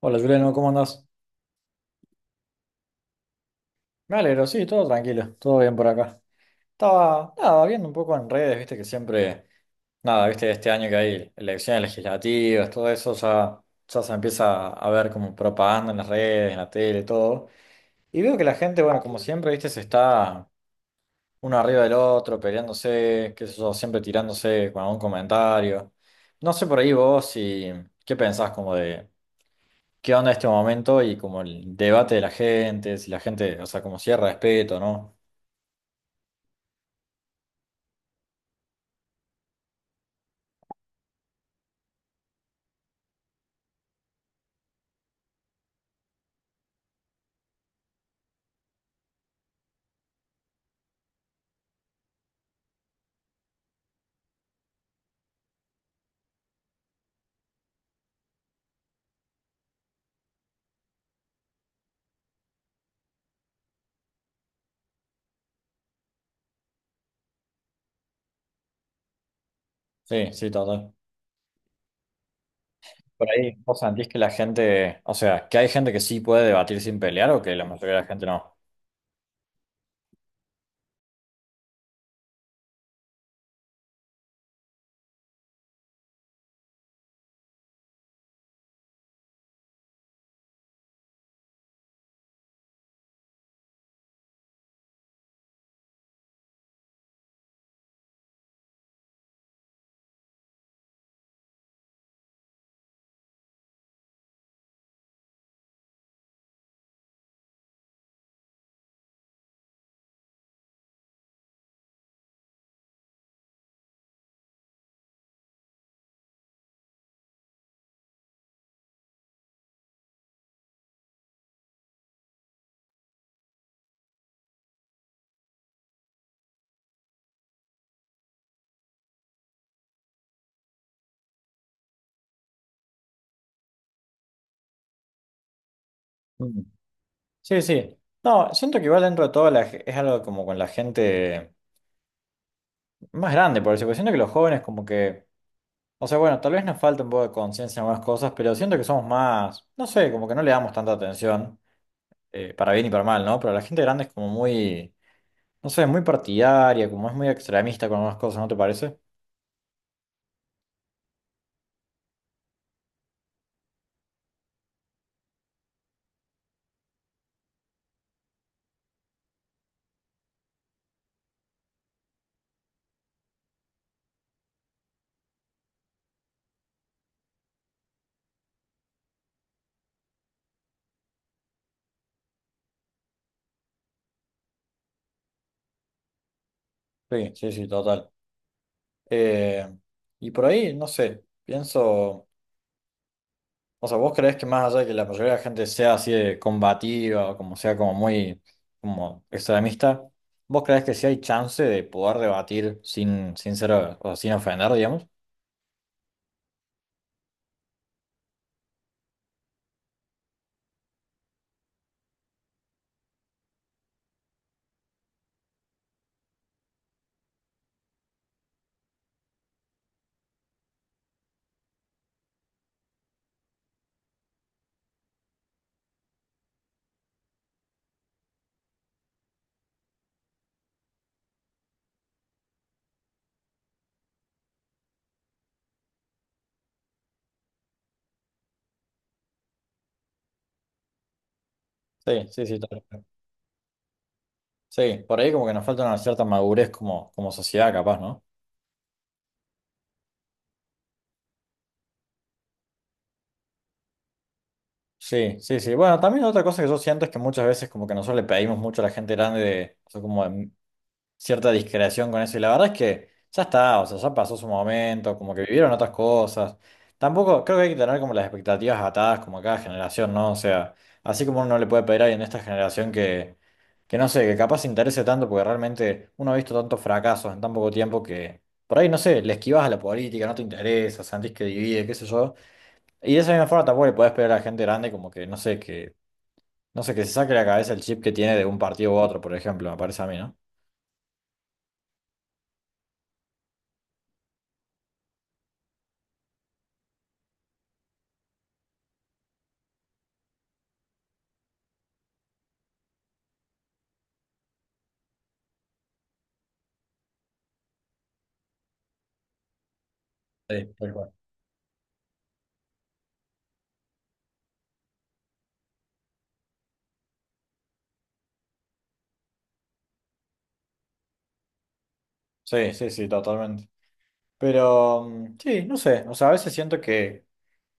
Hola Juliano, ¿cómo andás? Me alegro, sí, todo tranquilo, todo bien por acá. Estaba, nada, viendo un poco en redes, viste que siempre, nada, viste este año que hay elecciones legislativas, todo eso ya, ya se empieza a ver como propaganda en las redes, en la tele, todo. Y veo que la gente, bueno, como siempre, viste, se está uno arriba del otro, peleándose, qué sé yo, siempre tirándose con algún comentario. No sé por ahí vos si, ¿qué pensás como de, qué onda este momento y como el debate de la gente, si la gente, o sea, como si hay respeto, ¿no? Sí, sí, total. Por ahí, ¿vos sentís que la gente, o sea, que hay gente que sí puede debatir sin pelear o que la mayoría de la gente no? Mm. Sí, sí. No, siento que igual dentro de todo es algo como con la gente más grande, por eso, porque siento que los jóvenes como que, o sea, bueno, tal vez nos falta un poco de conciencia en algunas cosas, pero siento que somos más, no sé, como que no le damos tanta atención, para bien y para mal, ¿no? Pero la gente grande es como muy... No sé, es muy partidaria, como es muy extremista con algunas cosas, ¿no te parece? Sí, sí, sí, total. Eh, y por ahí, no sé, pienso, o sea, ¿vos creés que más allá de que la mayoría de la gente sea así de combativa o como sea como muy como extremista, ¿vos creés que sí hay chance de poder debatir sin, sin ser, o sea, sin ofender, digamos? Sí, sí, sí, total. Sí, por ahí como que nos falta una cierta madurez como, como sociedad, capaz, ¿no? Sí, sí, sí. Bueno, también otra cosa que yo siento es que muchas veces como que nosotros le pedimos mucho a la gente grande de, o sea, como de cierta discreción con eso. Y la verdad es que ya está, o sea, ya pasó su momento, como que vivieron otras cosas. Tampoco creo que hay que tener como las expectativas atadas como a cada generación, ¿no? O sea, así como uno no le puede pedir a alguien de esta generación que no sé, que capaz se interese tanto porque realmente uno ha visto tantos fracasos en tan poco tiempo que por ahí, no sé, le esquivas a la política, no te interesa, sentís que divide, qué sé yo. Y de esa misma forma tampoco le podés pedir a la gente grande como que, no sé, que, no sé, que se saque de la cabeza el chip que tiene de un partido u otro, por ejemplo, me parece a mí, ¿no? Sí, tal cual. Sí, sí, sí, totalmente. Pero mm, sí, no sé, o sea, a veces siento que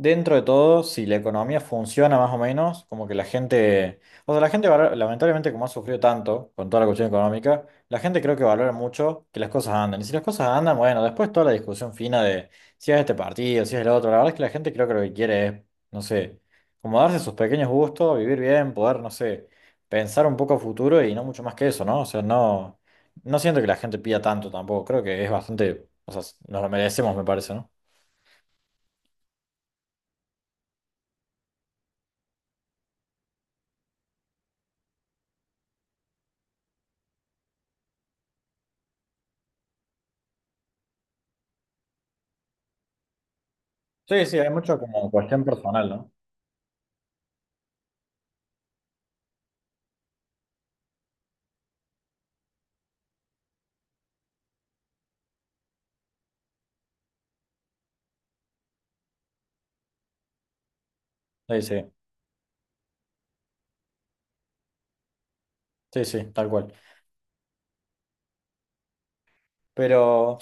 dentro de todo, si la economía funciona más o menos, como que la gente, o sea, lamentablemente como ha sufrido tanto con toda la cuestión económica, la gente creo que valora mucho que las cosas anden. Y si las cosas andan, bueno, después toda la discusión fina de si es este partido, si es el otro, la verdad es que la gente creo que lo que quiere es, no sé, como darse sus pequeños gustos, vivir bien, poder, no sé, pensar un poco a futuro y no mucho más que eso, ¿no? O sea, no, no siento que la gente pida tanto tampoco, creo que es bastante, o sea, nos lo merecemos, me parece, ¿no? Sí, sí, hay mucho como cuestión personal, ¿no? Sí, sí, sí, tal cual. Pero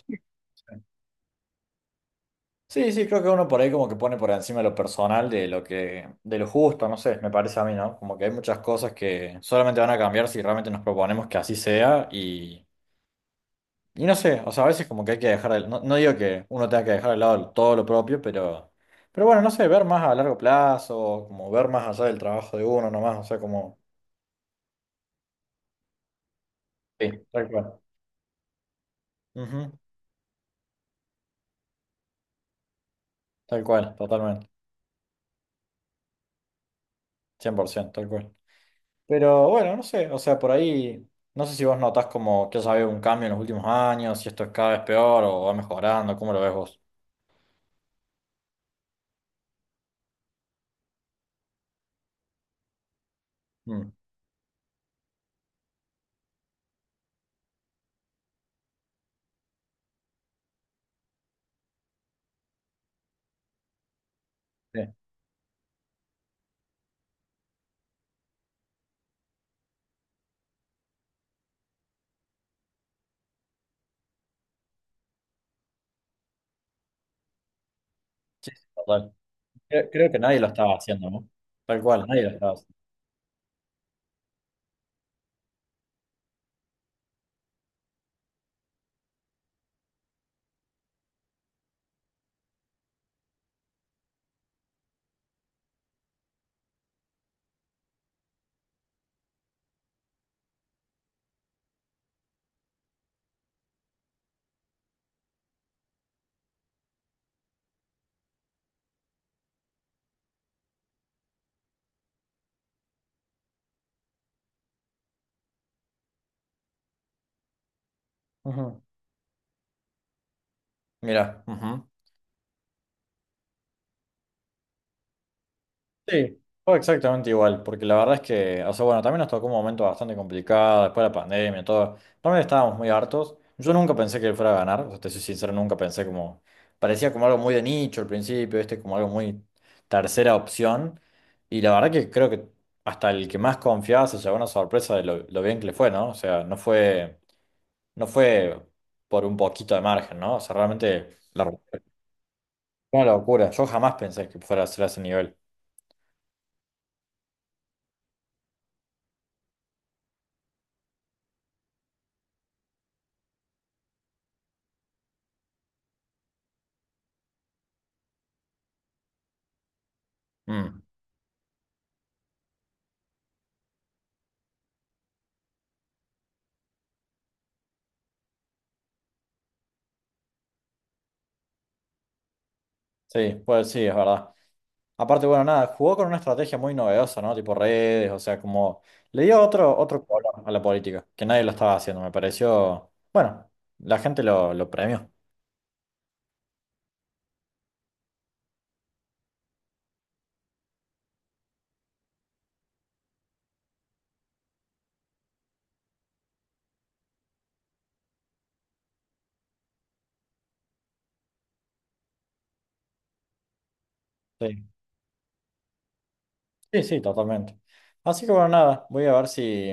sí, sí, creo que uno por ahí como que pone por encima lo personal de lo que, de lo justo, no sé, me parece a mí, ¿no? Como que hay muchas cosas que solamente van a cambiar si realmente nos proponemos que así sea y no sé, o sea, a veces como que hay que no, no digo que uno tenga que dejar de lado todo lo propio, pero bueno, no sé, ver más a largo plazo, como ver más allá del trabajo de uno nomás, o sea, como... Sí, tal cual. Ujú, tal cual, totalmente, 100% tal cual. Pero bueno, no sé, o sea, por ahí, no sé si vos notás como que haya habido un cambio en los últimos años, si esto es cada vez peor o va mejorando, ¿cómo lo ves vos? Mm, sí, total. Creo que nadie lo estaba haciendo, ¿no? Tal cual, nadie lo estaba haciendo. Ujú. Sí, fue exactamente igual, porque la verdad es que, o sea, bueno, también nos tocó un momento bastante complicado, después de la pandemia, todo, también estábamos muy hartos. Yo nunca pensé que él fuera a ganar, o sea, te soy sincero, nunca pensé como, parecía como algo muy de nicho al principio, este como algo muy tercera opción, y la verdad que creo que hasta el que más confiaba se llevó una sorpresa de lo bien que le fue, ¿no? O sea, no fue, no fue por un poquito de margen, ¿no? O sea, realmente la, fue una locura, yo jamás pensé que fuera a ser a ese nivel. Mm. Sí, pues sí, es verdad. Aparte, bueno, nada, jugó con una estrategia muy novedosa, ¿no? Tipo redes, o sea, como le dio otro, otro color a la política, que nadie lo estaba haciendo, me pareció, bueno, la gente lo premió. Sí, sí, sí, totalmente. Así que bueno, nada, voy a ver si,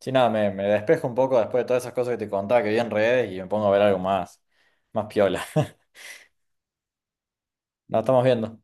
si nada, me despejo un poco después de todas esas cosas que te contaba que vi en redes y me pongo a ver algo más, más piola. Nos estamos viendo.